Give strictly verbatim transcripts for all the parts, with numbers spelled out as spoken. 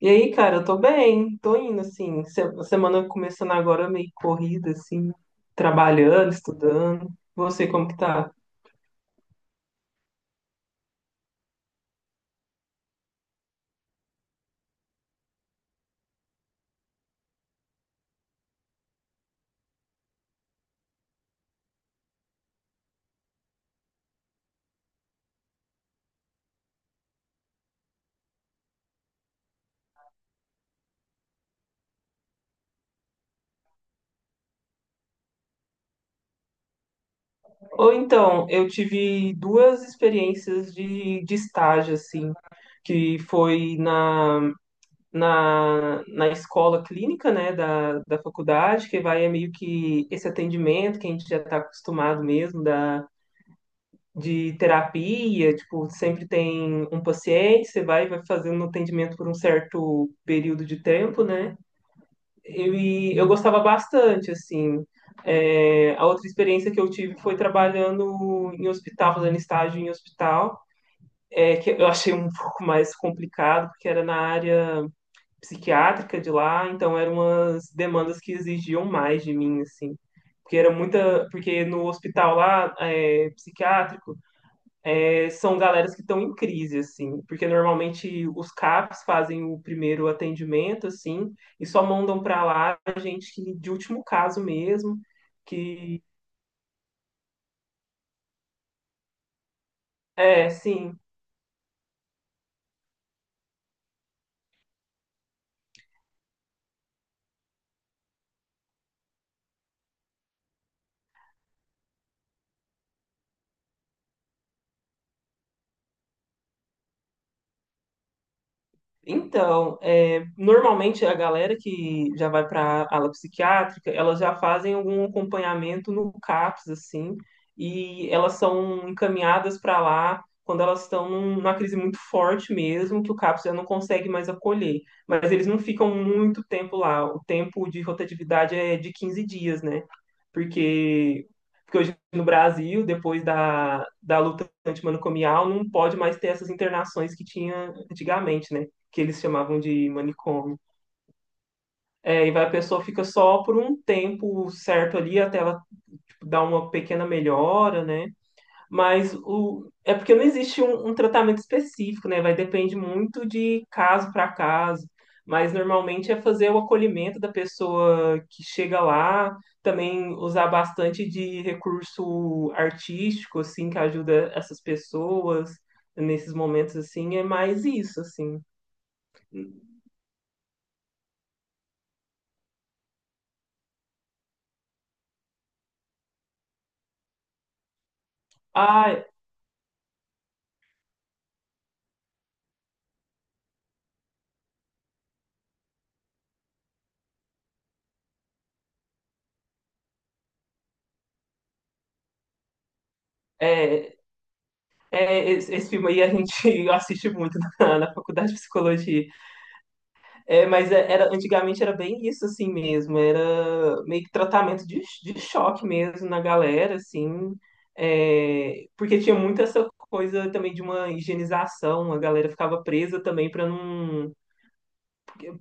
E aí, cara, eu tô bem, tô indo assim. se- Semana começando agora meio corrida, assim, trabalhando, estudando. Você, como que tá? Ou então, eu tive duas experiências de, de estágio, assim, que foi na, na, na escola clínica, né, da, da faculdade, que vai é meio que esse atendimento que a gente já tá acostumado mesmo, de terapia, tipo, sempre tem um paciente, você vai vai fazendo atendimento por um certo período de tempo, né? Eu, e eu gostava bastante, assim. É, a outra experiência que eu tive foi trabalhando em hospital, fazendo estágio em hospital, é, que eu achei um pouco mais complicado, porque era na área psiquiátrica de lá, então eram umas demandas que exigiam mais de mim, assim. Porque era muita, porque no hospital lá, é, psiquiátrico, é, são galeras que estão em crise, assim, porque normalmente os CAPs fazem o primeiro atendimento, assim, e só mandam para lá a gente que- de último caso mesmo, que é, sim. Então, é, normalmente a galera que já vai para a ala psiquiátrica, elas já fazem algum acompanhamento no CAPS, assim, e elas são encaminhadas para lá quando elas estão num- numa crise muito forte mesmo, que o CAPS já não consegue mais acolher. Mas eles não ficam muito tempo lá, o tempo de rotatividade é de quinze dias, né? porque, porque hoje no Brasil, depois da, da luta antimanicomial, não pode mais ter essas internações que tinha antigamente, né? Que eles chamavam de manicômio. É, e vai, a pessoa fica só por um tempo certo ali, até ela tipo, dar uma pequena melhora, né? Mas o... é porque não existe um, um tratamento específico, né? Vai depende muito de caso para caso. Mas normalmente é fazer o acolhimento da pessoa que chega lá, também usar bastante de recurso artístico, assim, que ajuda essas pessoas nesses momentos, assim, é mais isso, assim. Ah, é, é, esse esse filme aí a gente assiste muito na, na faculdade de psicologia. É, mas é- era, antigamente era bem isso assim mesmo, era meio que tratamento de, de choque mesmo na galera, assim, é, porque tinha muito essa coisa também de uma higienização, a galera ficava presa também para não,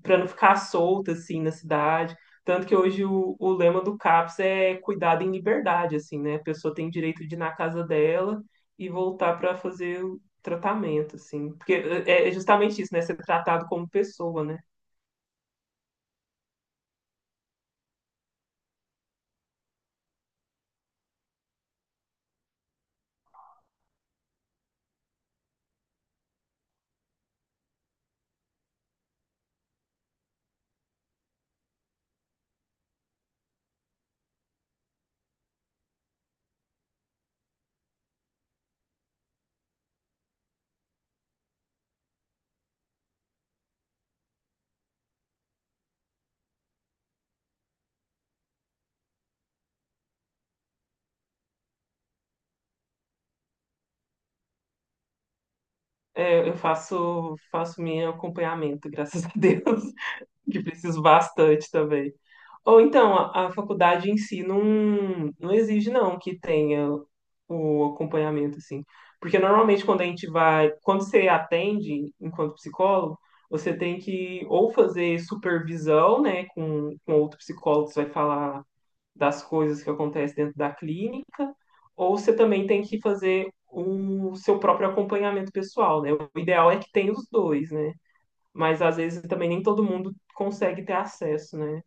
para não ficar solta, assim, na cidade, tanto que hoje o, o lema do CAPS é cuidado em liberdade, assim, né, a pessoa tem direito de ir na casa dela e voltar para fazer o tratamento, assim, porque é é justamente isso, né, ser tratado como pessoa, né? É, eu faço faço meu acompanhamento, graças a Deus, que preciso bastante também. Ou então, a, a faculdade em si não, não exige não que tenha o acompanhamento assim, porque normalmente quando a gente vai, quando você atende enquanto psicólogo, você tem que ou fazer supervisão, né, com, com outro psicólogo que você vai falar das coisas que acontecem dentro da clínica, ou você também tem que fazer o seu próprio acompanhamento pessoal, né? O ideal é que tenha os dois, né? Mas às vezes também nem todo mundo consegue ter acesso, né?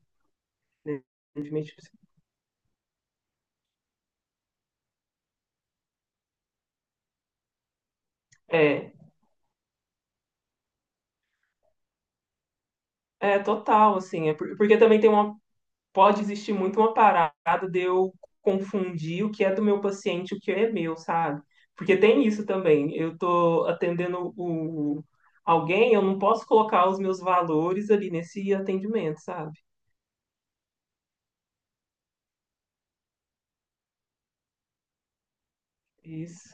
É, é total, assim, é por- porque também tem uma pode existir muito uma parada de eu confundir o que é do meu paciente e o que é meu, sabe? Porque tem isso também. Eu tô atendendo o alguém, eu não posso colocar os meus valores ali nesse atendimento, sabe? Isso.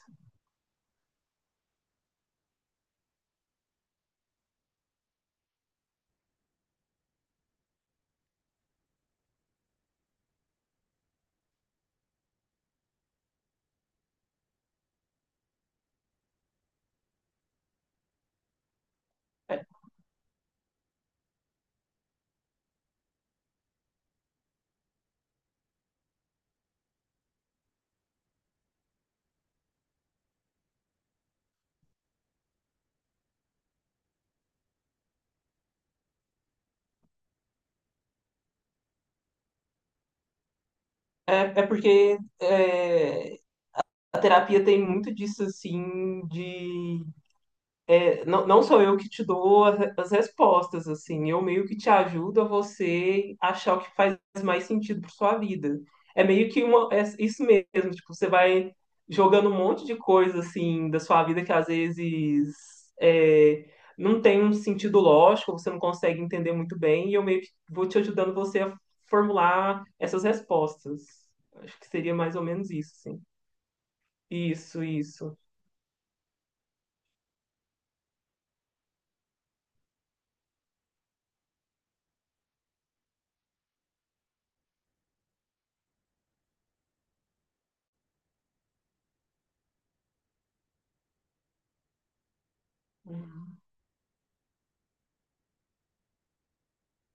É, é, é porque é, a terapia tem muito disso, assim, de Não, não sou eu que te dou as, as respostas, assim, eu meio que te ajudo a você achar o que faz mais sentido para sua vida. É meio que uma, é isso mesmo, tipo, você vai jogando um monte de coisa, assim, da sua vida que às vezes é, não tem um sentido lógico, você não consegue entender muito bem, e eu meio que vou te ajudando você a formular essas respostas. Acho que seria mais ou menos isso, sim. Isso, isso.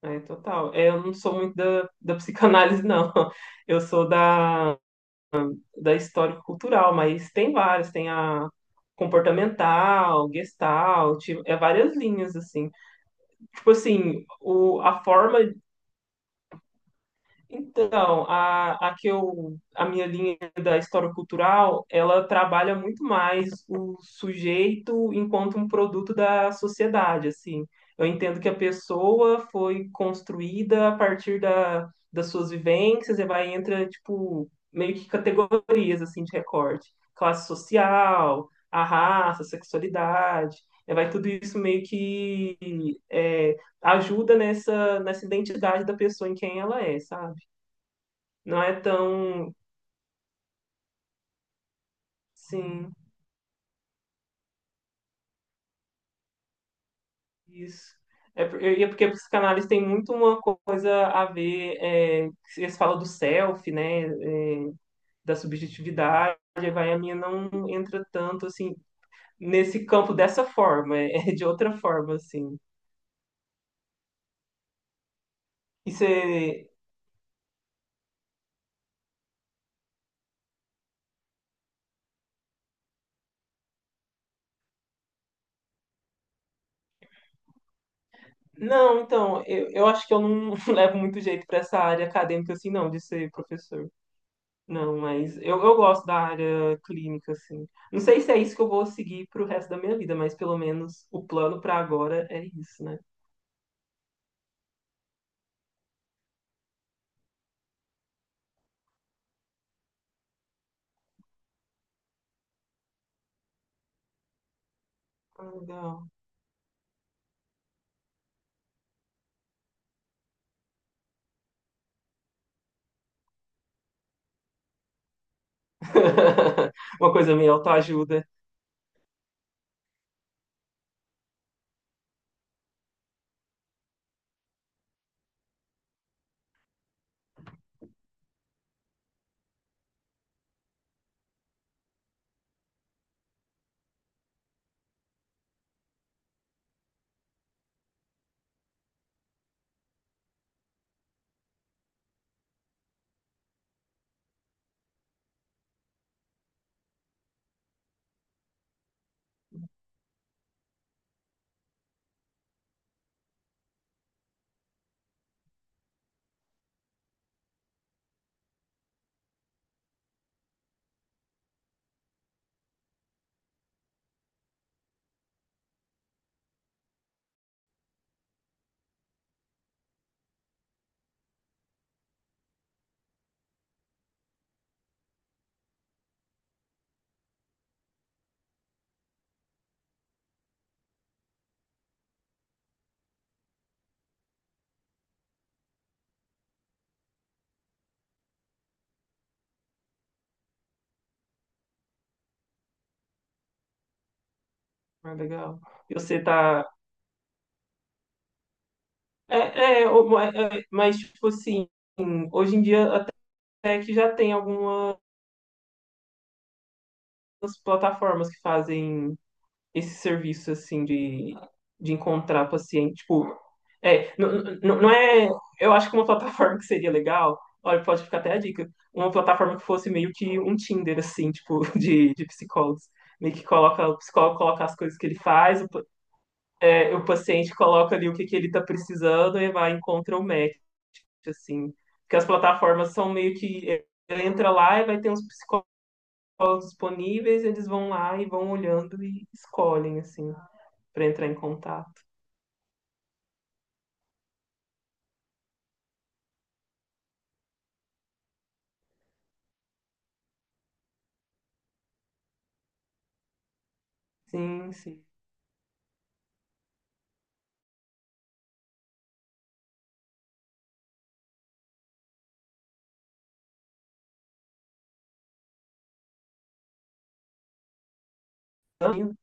É, total. É, eu não sou muito da, da psicanálise, não. Eu sou da, da histórico-cultural, mas tem várias. Tem a comportamental, gestalt, é várias linhas, assim. Tipo assim, o, a forma Então, a, a que eu, a minha linha da história cultural, ela trabalha muito mais o sujeito enquanto um produto da sociedade, assim. Eu entendo que a pessoa foi construída a partir da, das suas vivências e vai entra, tipo, meio que categorias, assim, de recorte. Classe social, a raça, a sexualidade, e vai tudo isso meio que é, ajuda nessa, nessa identidade da pessoa em quem ela é, sabe? Não é tão, sim, isso. É, por- e é porque a psicanálise tem muito uma coisa a ver, é, eles falam do self, né, é, da subjetividade, aí vai a minha não entra tanto, assim, nesse campo dessa forma, é de outra forma, assim. E você? Não, então, eu, eu acho que eu não levo muito jeito para essa área acadêmica, assim, não, de ser professor. Não, mas eu, eu gosto da área clínica, assim. Não sei se é isso que eu vou seguir pro resto da minha vida, mas pelo menos o plano pra agora é isso, né? Ah, legal. Uma coisa meio autoajuda. Ah, legal. E você tá. É, é, o- é, é, mas, tipo assim, hoje em dia até que já tem algumas plataformas que fazem. esse serviço, assim, de, de encontrar paciente, tipo, é, não, não é, eu acho que uma plataforma que seria legal, olha, pode ficar até a dica, uma plataforma que fosse meio que um Tinder, assim, tipo, de, de psicólogos. Meio que coloca, o psicólogo coloca as coisas que ele faz, o, pa- é, o paciente coloca ali o que, que ele tá precisando e vai e encontra o match, assim. Porque as plataformas são meio que, é, ele entra lá e vai ter uns psicólogos disponíveis, eles vão lá e vão olhando e escolhem, assim para entrar em contato. Sim, sim. Então,